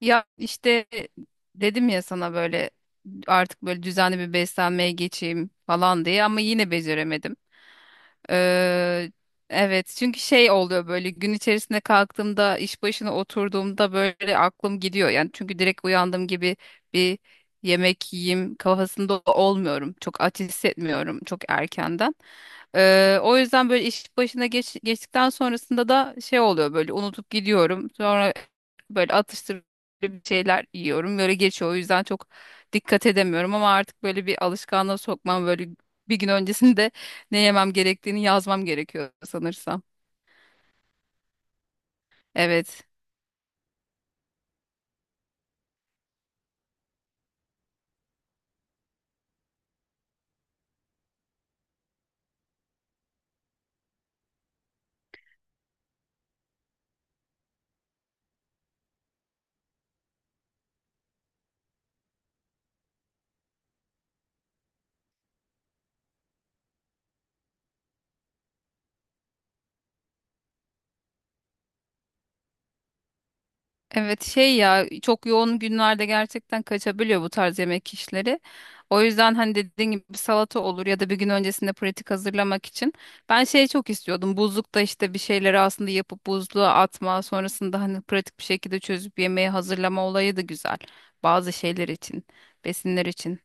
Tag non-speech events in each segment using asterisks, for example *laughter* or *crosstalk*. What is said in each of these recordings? Ya işte dedim ya sana böyle artık böyle düzenli bir beslenmeye geçeyim falan diye ama yine beceremedim. Eee, evet, çünkü şey oluyor böyle gün içerisinde kalktığımda iş başına oturduğumda böyle aklım gidiyor. Yani çünkü direkt uyandığım gibi bir yemek yiyeyim kafasında olmuyorum. Çok aç hissetmiyorum çok erkenden. O yüzden böyle iş başına geçtikten sonrasında da şey oluyor böyle unutup gidiyorum. Sonra böyle atıştırıcı bir şeyler yiyorum. Böyle geçiyor. O yüzden çok dikkat edemiyorum ama artık böyle bir alışkanlığa sokmam böyle bir gün öncesinde ne yemem gerektiğini yazmam gerekiyor sanırsam. Evet. Evet, şey ya çok yoğun günlerde gerçekten kaçabiliyor bu tarz yemek işleri. O yüzden hani dediğin gibi bir salata olur ya da bir gün öncesinde pratik hazırlamak için. Ben şey çok istiyordum. Buzlukta işte bir şeyleri aslında yapıp buzluğa atma, sonrasında hani pratik bir şekilde çözüp yemeği hazırlama olayı da güzel. Bazı şeyler için, besinler için.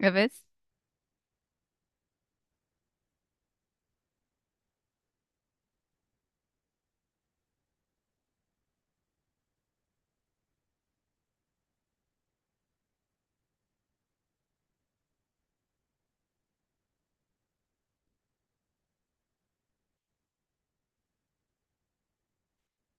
Evet.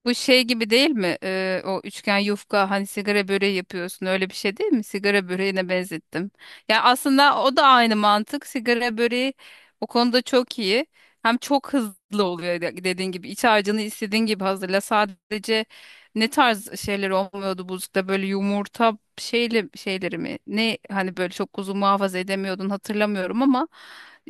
Bu şey gibi değil mi? O üçgen yufka hani sigara böreği yapıyorsun öyle bir şey değil mi? Sigara böreğine benzettim. Yani aslında o da aynı mantık. Sigara böreği o konuda çok iyi. Hem çok hızlı oluyor dediğin gibi. İç harcını istediğin gibi hazırla. Sadece ne tarz şeyler olmuyordu buzlukta böyle yumurta şeyle şeyleri mi? Ne hani böyle çok uzun muhafaza edemiyordun hatırlamıyorum ama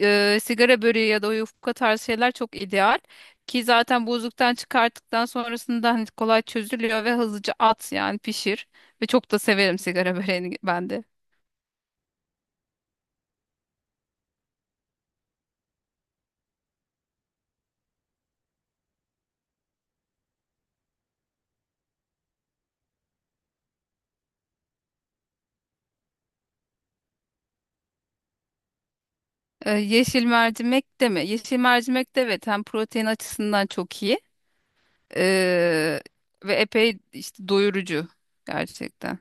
sigara böreği ya da o yufka tarzı şeyler çok ideal. Ki zaten buzluktan çıkarttıktan sonrasında hani kolay çözülüyor ve hızlıca at yani pişir. Ve çok da severim sigara *laughs* böreğini ben de. Yeşil mercimek de mi? Yeşil mercimek de evet hem protein açısından çok iyi. Ee, ve epey işte doyurucu gerçekten.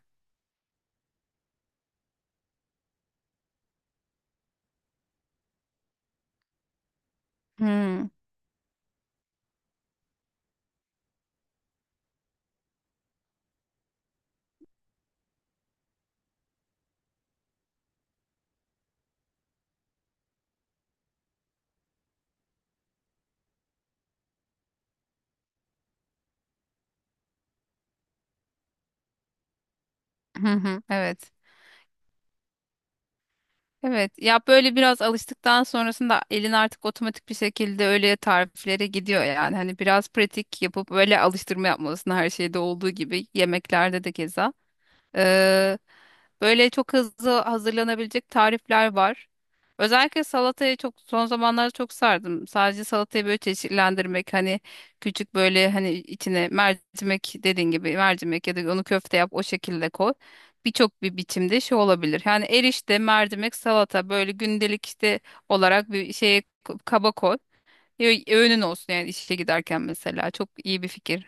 Hmm. Hı hı, evet. Evet, ya böyle biraz alıştıktan sonrasında elin artık otomatik bir şekilde öyle tariflere gidiyor yani hani biraz pratik yapıp böyle alıştırma yapmalısın her şeyde olduğu gibi yemeklerde de keza. Ee, böyle çok hızlı hazırlanabilecek tarifler var. Özellikle salatayı çok son zamanlarda çok sardım. Sadece salatayı böyle çeşitlendirmek hani küçük böyle hani içine mercimek dediğin gibi mercimek ya da onu köfte yap o şekilde koy. Birçok bir biçimde şey olabilir. Yani erişte, mercimek, salata böyle gündelik işte olarak bir şeye kaba koy. Öğünün olsun yani işe giderken mesela. Çok iyi bir fikir.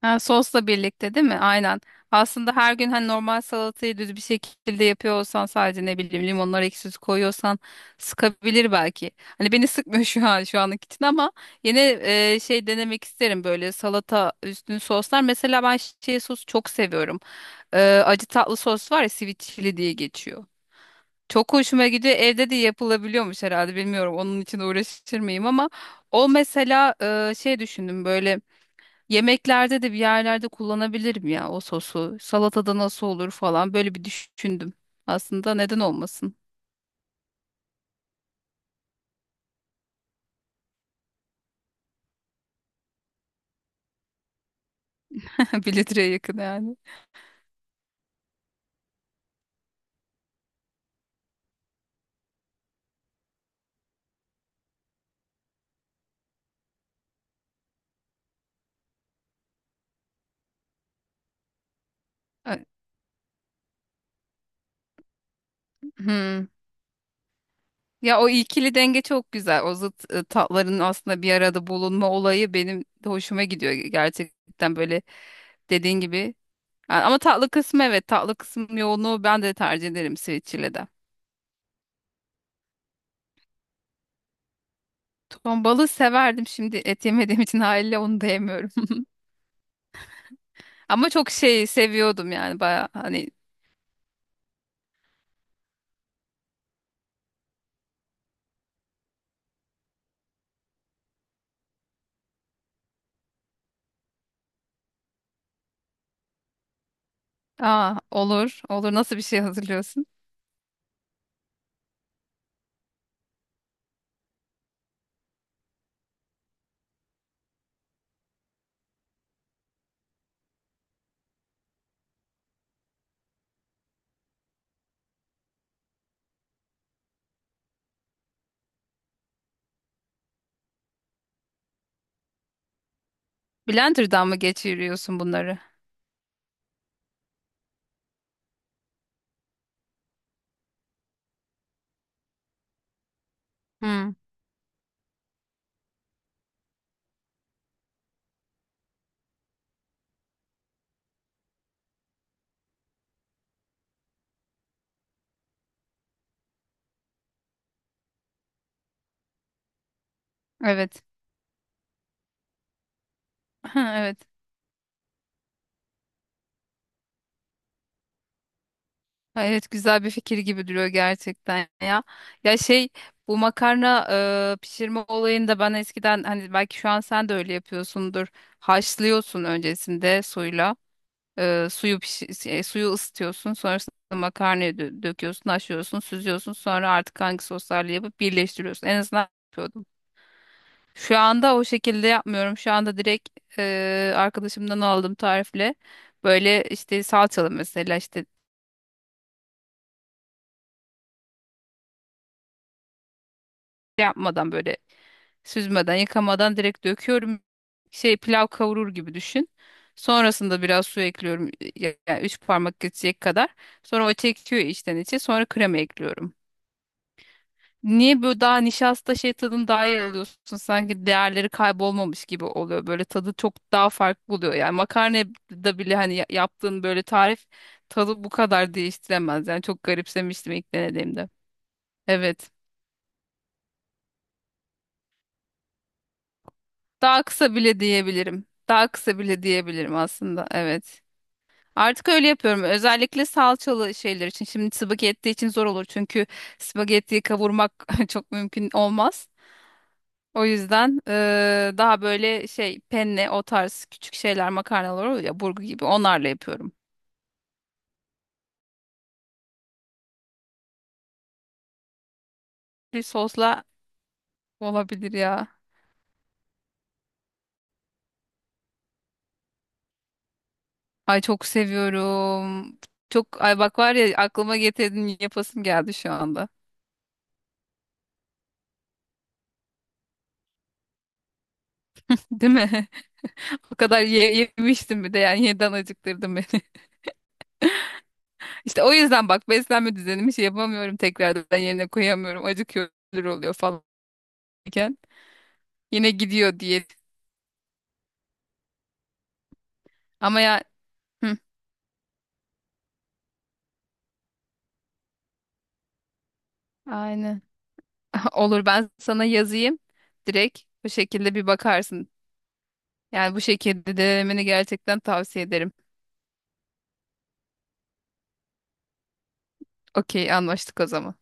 Ha, sosla birlikte değil mi? Aynen. Aslında her gün hani normal salatayı düz bir şekilde yapıyor olsan sadece ne bileyim limonları ekşisi koyuyorsan sıkabilir belki. Hani beni sıkmıyor *laughs* şu an şu anlık için ama yine şey denemek isterim böyle salata üstüne soslar. Mesela ben şey sosu çok seviyorum. E, acı tatlı sos var ya sweet chili diye geçiyor. Çok hoşuma gidiyor. Evde de yapılabiliyormuş herhalde bilmiyorum. Onun için uğraşır mıyım ama o mesela şey düşündüm böyle yemeklerde de bir yerlerde kullanabilirim ya o sosu. Salatada nasıl olur falan böyle bir düşündüm. Aslında neden olmasın? *laughs* 1 litreye yakın yani. Ö- Hmm. Ya o ikili denge çok güzel. O zıt tatların aslında bir arada bulunma olayı benim de hoşuma gidiyor gerçekten böyle dediğin gibi. Yani ama tatlı kısmı evet tatlı kısmı yoğunluğu ben de tercih ederim switch ile de. Ton balığı severdim, şimdi et yemediğim için haliyle onu da yemiyorum. *laughs* Ama çok şey seviyordum yani baya hani Aa, olur. Olur. Nasıl bir şey hazırlıyorsun? Blender'dan mı geçiriyorsun bunları? Hmm, evet. *laughs* Ha, evet. Ha, evet, güzel bir fikir gibi duruyor gerçekten ya. Ya şey bu makarna pişirme olayında ben eskiden hani belki şu an sen de öyle yapıyorsundur. Haşlıyorsun öncesinde suyla. Suyu ısıtıyorsun. Sonrasında makarnayı döküyorsun, haşlıyorsun, süzüyorsun. Sonra artık hangi soslarla yapıp birleştiriyorsun. En azından şu anda o şekilde yapmıyorum. Şu anda direkt arkadaşımdan aldığım tarifle. Böyle işte salçalı mesela işte şey yapmadan böyle süzmeden yıkamadan direkt döküyorum. Şey pilav kavurur gibi düşün. Sonrasında biraz su ekliyorum. Yani 3 parmak geçecek kadar. Sonra o çekiyor içten içe. Sonra krema ekliyorum. Niye böyle daha nişasta şey tadını daha iyi alıyorsun? Sanki değerleri kaybolmamış gibi oluyor. Böyle tadı çok daha farklı oluyor. Yani makarnada bile hani yaptığın böyle tarif tadı bu kadar değiştiremez. Yani çok garipsemiştim ilk denediğimde. Evet. Daha kısa bile diyebilirim. Daha kısa bile diyebilirim aslında. Evet. Artık öyle yapıyorum. Özellikle salçalı şeyler için. Şimdi spagetti için zor olur. Çünkü spagettiyi kavurmak *laughs* çok mümkün olmaz. O yüzden daha böyle şey penne o tarz küçük şeyler makarnalar oluyor ya burgu gibi onlarla yapıyorum. Bir sosla olabilir ya. Ay çok seviyorum. Çok ay bak var ya aklıma getirdin yapasım geldi şu anda. Değil mi? *laughs* O kadar yemiştim bir de yani yeniden acıktırdın beni. *laughs* İşte o yüzden bak beslenme düzenimi şey yapamıyorum tekrardan yerine koyamıyorum. Acıkıyor ölür oluyor falan iken yine gidiyor diye. Ama ya Hı, aynen. *laughs* Olur, ben sana yazayım. Direkt bu şekilde bir bakarsın. Yani bu şekilde denemeni gerçekten tavsiye ederim. Okey, anlaştık o zaman.